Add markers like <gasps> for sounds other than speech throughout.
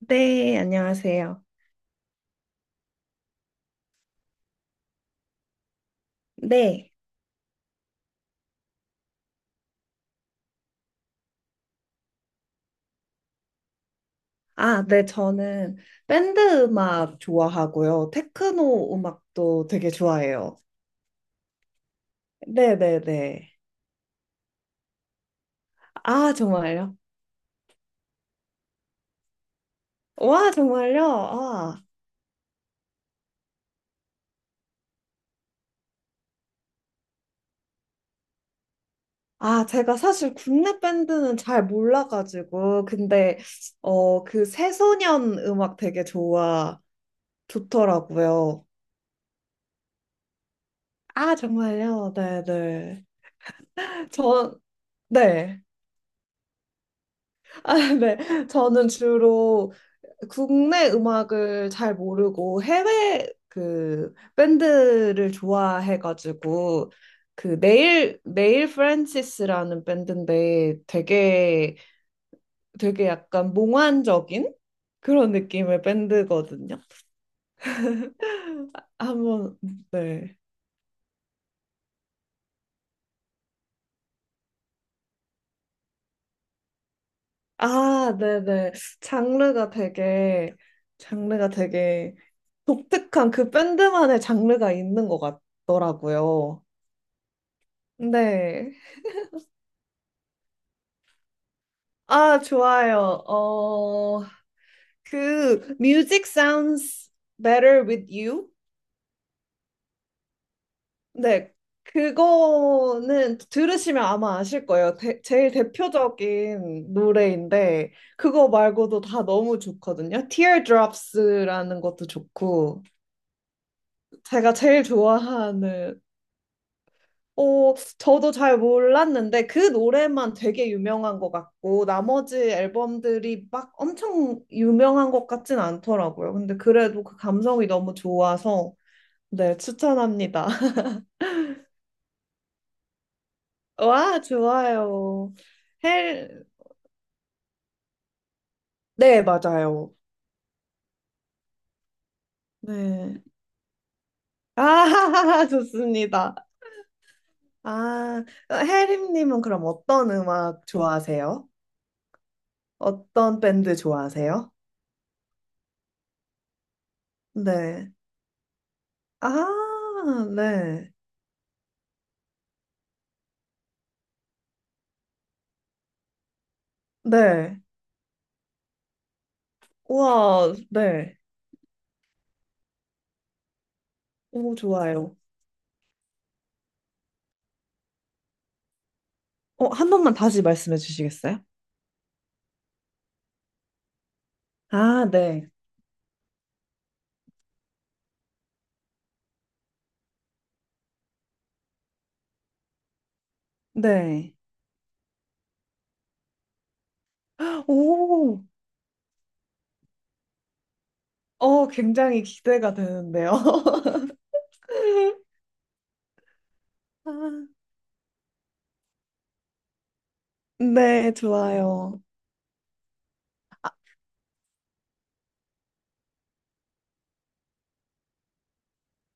네, 안녕하세요. 네. 아, 네, 저는 밴드 음악 좋아하고요. 테크노 음악도 되게 좋아해요. 네, 네, 네. 아, 정말요? 와, 정말요? 아. 아, 제가 사실 국내 밴드는 잘 몰라가지고, 근데, 그 새소년 음악 되게 좋더라고요. 아, 정말요? 네, 네. 저, 네. 아, 네. 저는 주로 국내 음악을 잘 모르고 해외 그 밴드를 좋아해가지고 그 네일 프랜시스라는 밴드인데 되게 약간 몽환적인 그런 느낌의 밴드거든요. 한번 네. 아, 네네. 장르가 되게 장르가 되게 독특한 그 밴드만의 장르가 있는 것 같더라고요. 네. 아, 좋아요. 그 Music Sounds Better With You? 네, 그거는 들으시면 아마 아실 거예요. 제일 대표적인 노래인데 그거 말고도 다 너무 좋거든요. Teardrops라는 것도 좋고 제가 제일 좋아하는 저도 잘 몰랐는데 그 노래만 되게 유명한 것 같고 나머지 앨범들이 막 엄청 유명한 것 같진 않더라고요. 근데 그래도 그 감성이 너무 좋아서 네, 추천합니다. <laughs> 와, 좋아요. 헬, 네, 맞아요. 네. 아, <laughs> 좋습니다. 아, 혜림님은 그럼 어떤 음악 좋아하세요? 어떤 밴드 좋아하세요? 네. 아, 네. 네. 우와, 네. 오, 좋아요. 한 번만 다시 말씀해 주시겠어요? 아, 네. 네. <gasps> 오, 굉장히 기대가 되는데요. <laughs> 아, 네, 좋아요.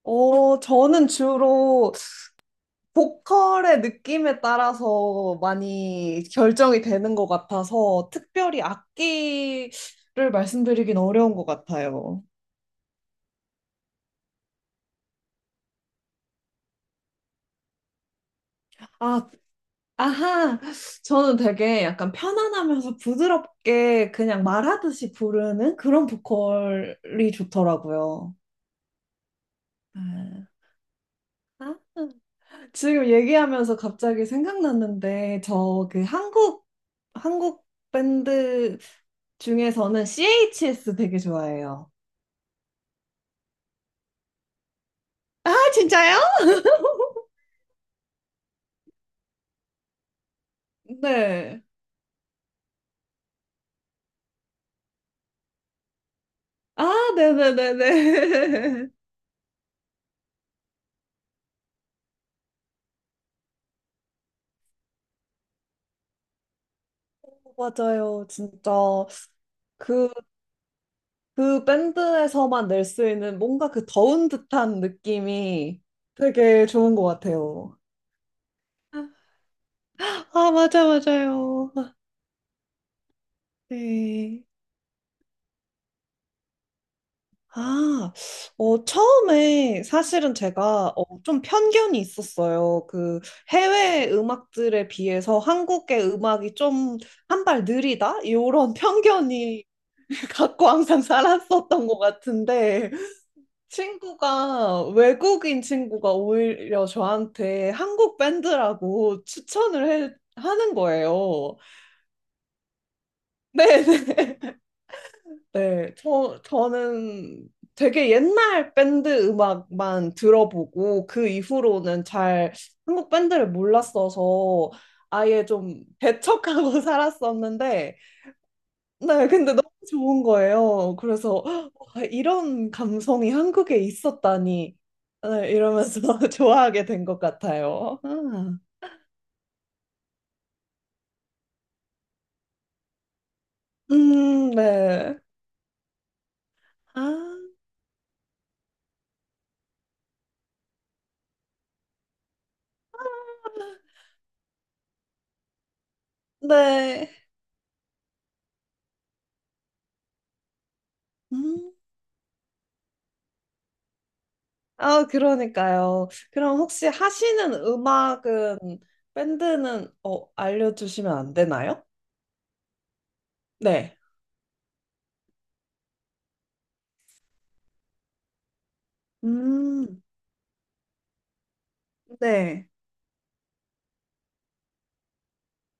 저는 주로 보컬의 느낌에 따라서 많이 결정이 되는 것 같아서 특별히 악기를 말씀드리긴 어려운 것 같아요. 아, 아하. 저는 되게 약간 편안하면서 부드럽게 그냥 말하듯이 부르는 그런 보컬이 좋더라고요. 아, 지금 얘기하면서 갑자기 생각났는데 저 그 한국 밴드 중에서는 CHS 되게 좋아해요. 아, 진짜요? <laughs> 네. 아, 네네네네. <laughs> 맞아요. 진짜 그 그 밴드에서만 낼 수 있는 뭔가 그 더운 듯한 느낌이 되게 좋은 것 같아요. 아, 맞아, 맞아요. 네. 아, 처음에 사실은 제가 좀 편견이 있었어요. 그 해외 음악들에 비해서 한국의 음악이 좀 한 발 느리다? 이런 편견이 <laughs> 갖고 항상 살았었던 것 같은데 친구가 외국인 친구가 오히려 저한테 한국 밴드라고 추천을 하는 거예요. <laughs> 네, 네, 저는 되게 옛날 밴드 음악만 들어보고 그 이후로는 잘 한국 밴드를 몰랐어서 아예 좀 배척하고 <laughs> 살았었는데, 네, 근데 너무 좋은 거예요. 그래서 헉, 와, 이런 감성이 한국에 있었다니, 네, 이러면서 <laughs> 좋아하게 된 것 같아요. 아. 네. 아, 네. 음. 아, 그러니까요. 그럼 혹시 하시는 음악은, 밴드는, 알려주시면 안 되나요? 네. 음, 네.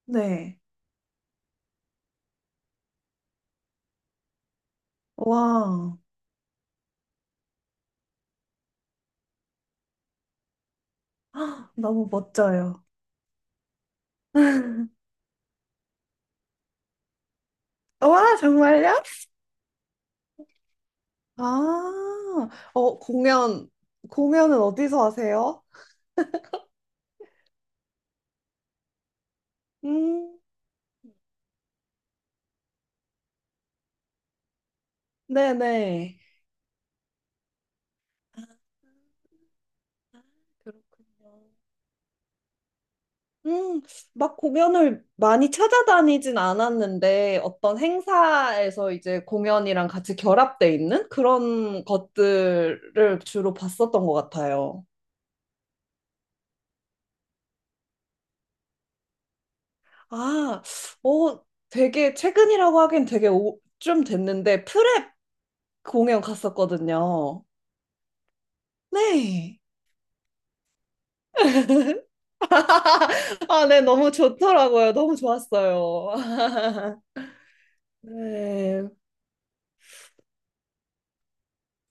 네. 와, 헉, 너무 멋져요. <laughs> 와, 정말요? 아, 어, 공연, 공연은 어디서 하세요? 음, 네네. 아, 그렇군요. 음, 막 공연을 많이 찾아다니진 않았는데 어떤 행사에서 이제 공연이랑 같이 결합돼 있는 그런 것들을 주로 봤었던 것 같아요. 아, 어, 되게 최근이라고 하긴 되게 좀 됐는데 프랩 공연 갔었거든요. 네. 아, 네, 너무 좋더라고요. 너무 좋았어요. <laughs> 네.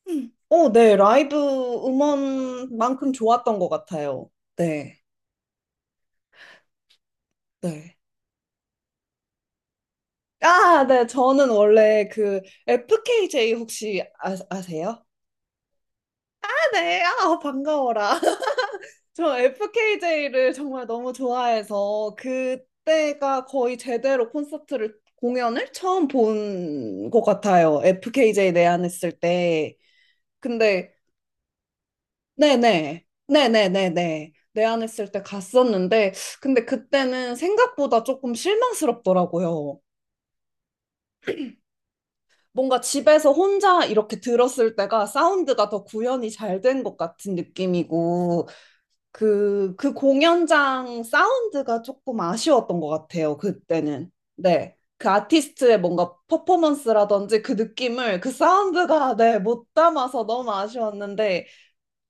음. 네, 라이브 음원만큼 좋았던 것 같아요. 네. 네. 아, 네. 저는 원래 그 FKJ 혹시 아세요? 아, 네. 아, 반가워라. <laughs> 저 FKJ를 정말 너무 좋아해서 그때가 거의 제대로 콘서트를 공연을 처음 본 것 같아요. FKJ 내한했을 때. 근데 네네. 네네네네. 내한했을 때 갔었는데 근데 그때는 생각보다 조금 실망스럽더라고요. 뭔가 집에서 혼자 이렇게 들었을 때가 사운드가 더 구현이 잘 된 것 같은 느낌이고, 그 공연장 사운드가 조금 아쉬웠던 것 같아요, 그때는. 네. 그 아티스트의 뭔가 퍼포먼스라든지 그 느낌을 그 사운드가, <laughs> 네, 못 담아서 너무 아쉬웠는데,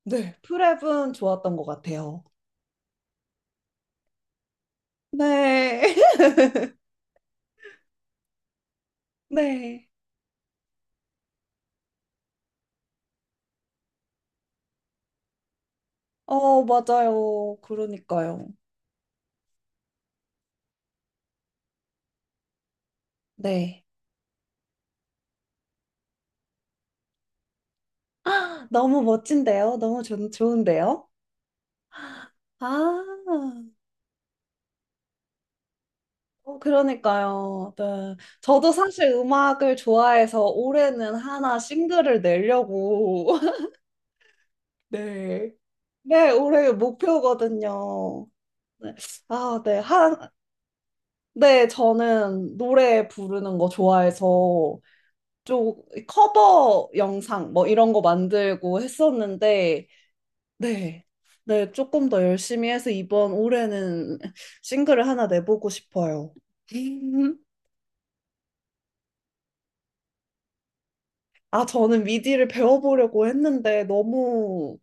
네, 프랩은 좋았던 것 같아요. 네. <laughs> 네. 맞아요. 그러니까요. 네. <gasps> 아, 너무 멋진데요? 너무 좋은데요? 아, 그러니까요. 네. 저도 사실 음악을 좋아해서 올해는 하나 싱글을 내려고. <laughs> 네. 네, 올해 목표거든요. 네. 아, 네. 네, 저는 노래 부르는 거 좋아해서 좀 커버 영상 뭐 이런 거 만들고 했었는데, 네. 네, 조금 더 열심히 해서 이번 올해는 싱글을 하나 내보고 싶어요. <laughs> 아, 저는 미디를 배워보려고 했는데 너무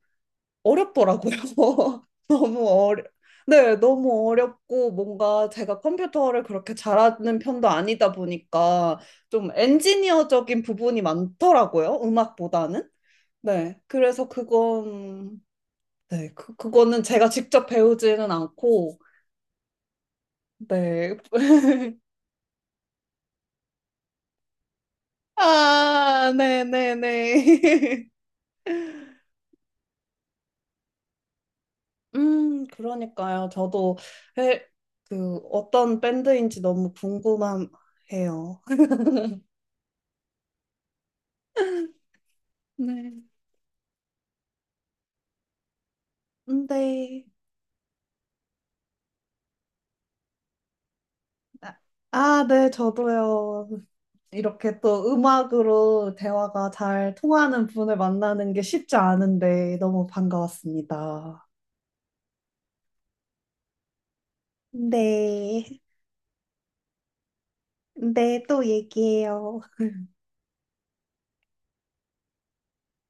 어렵더라고요. <laughs> 너무 어려, 네, 너무 어렵고 뭔가 제가 컴퓨터를 그렇게 잘하는 편도 아니다 보니까 좀 엔지니어적인 부분이 많더라고요. 음악보다는. 네, 그래서 그건, 네, 그거는 제가 직접 배우지는 않고, 네. <laughs> 아, 네네네. <laughs> 그러니까요. 저도 에, 그 어떤 밴드인지 너무 궁금해요. 네. 근데 아, 아, 네, 저도요. 이렇게 또 음악으로 대화가 잘 통하는 분을 만나는 게 쉽지 않은데 너무 반가웠습니다. 네, 네, 또 얘기해요.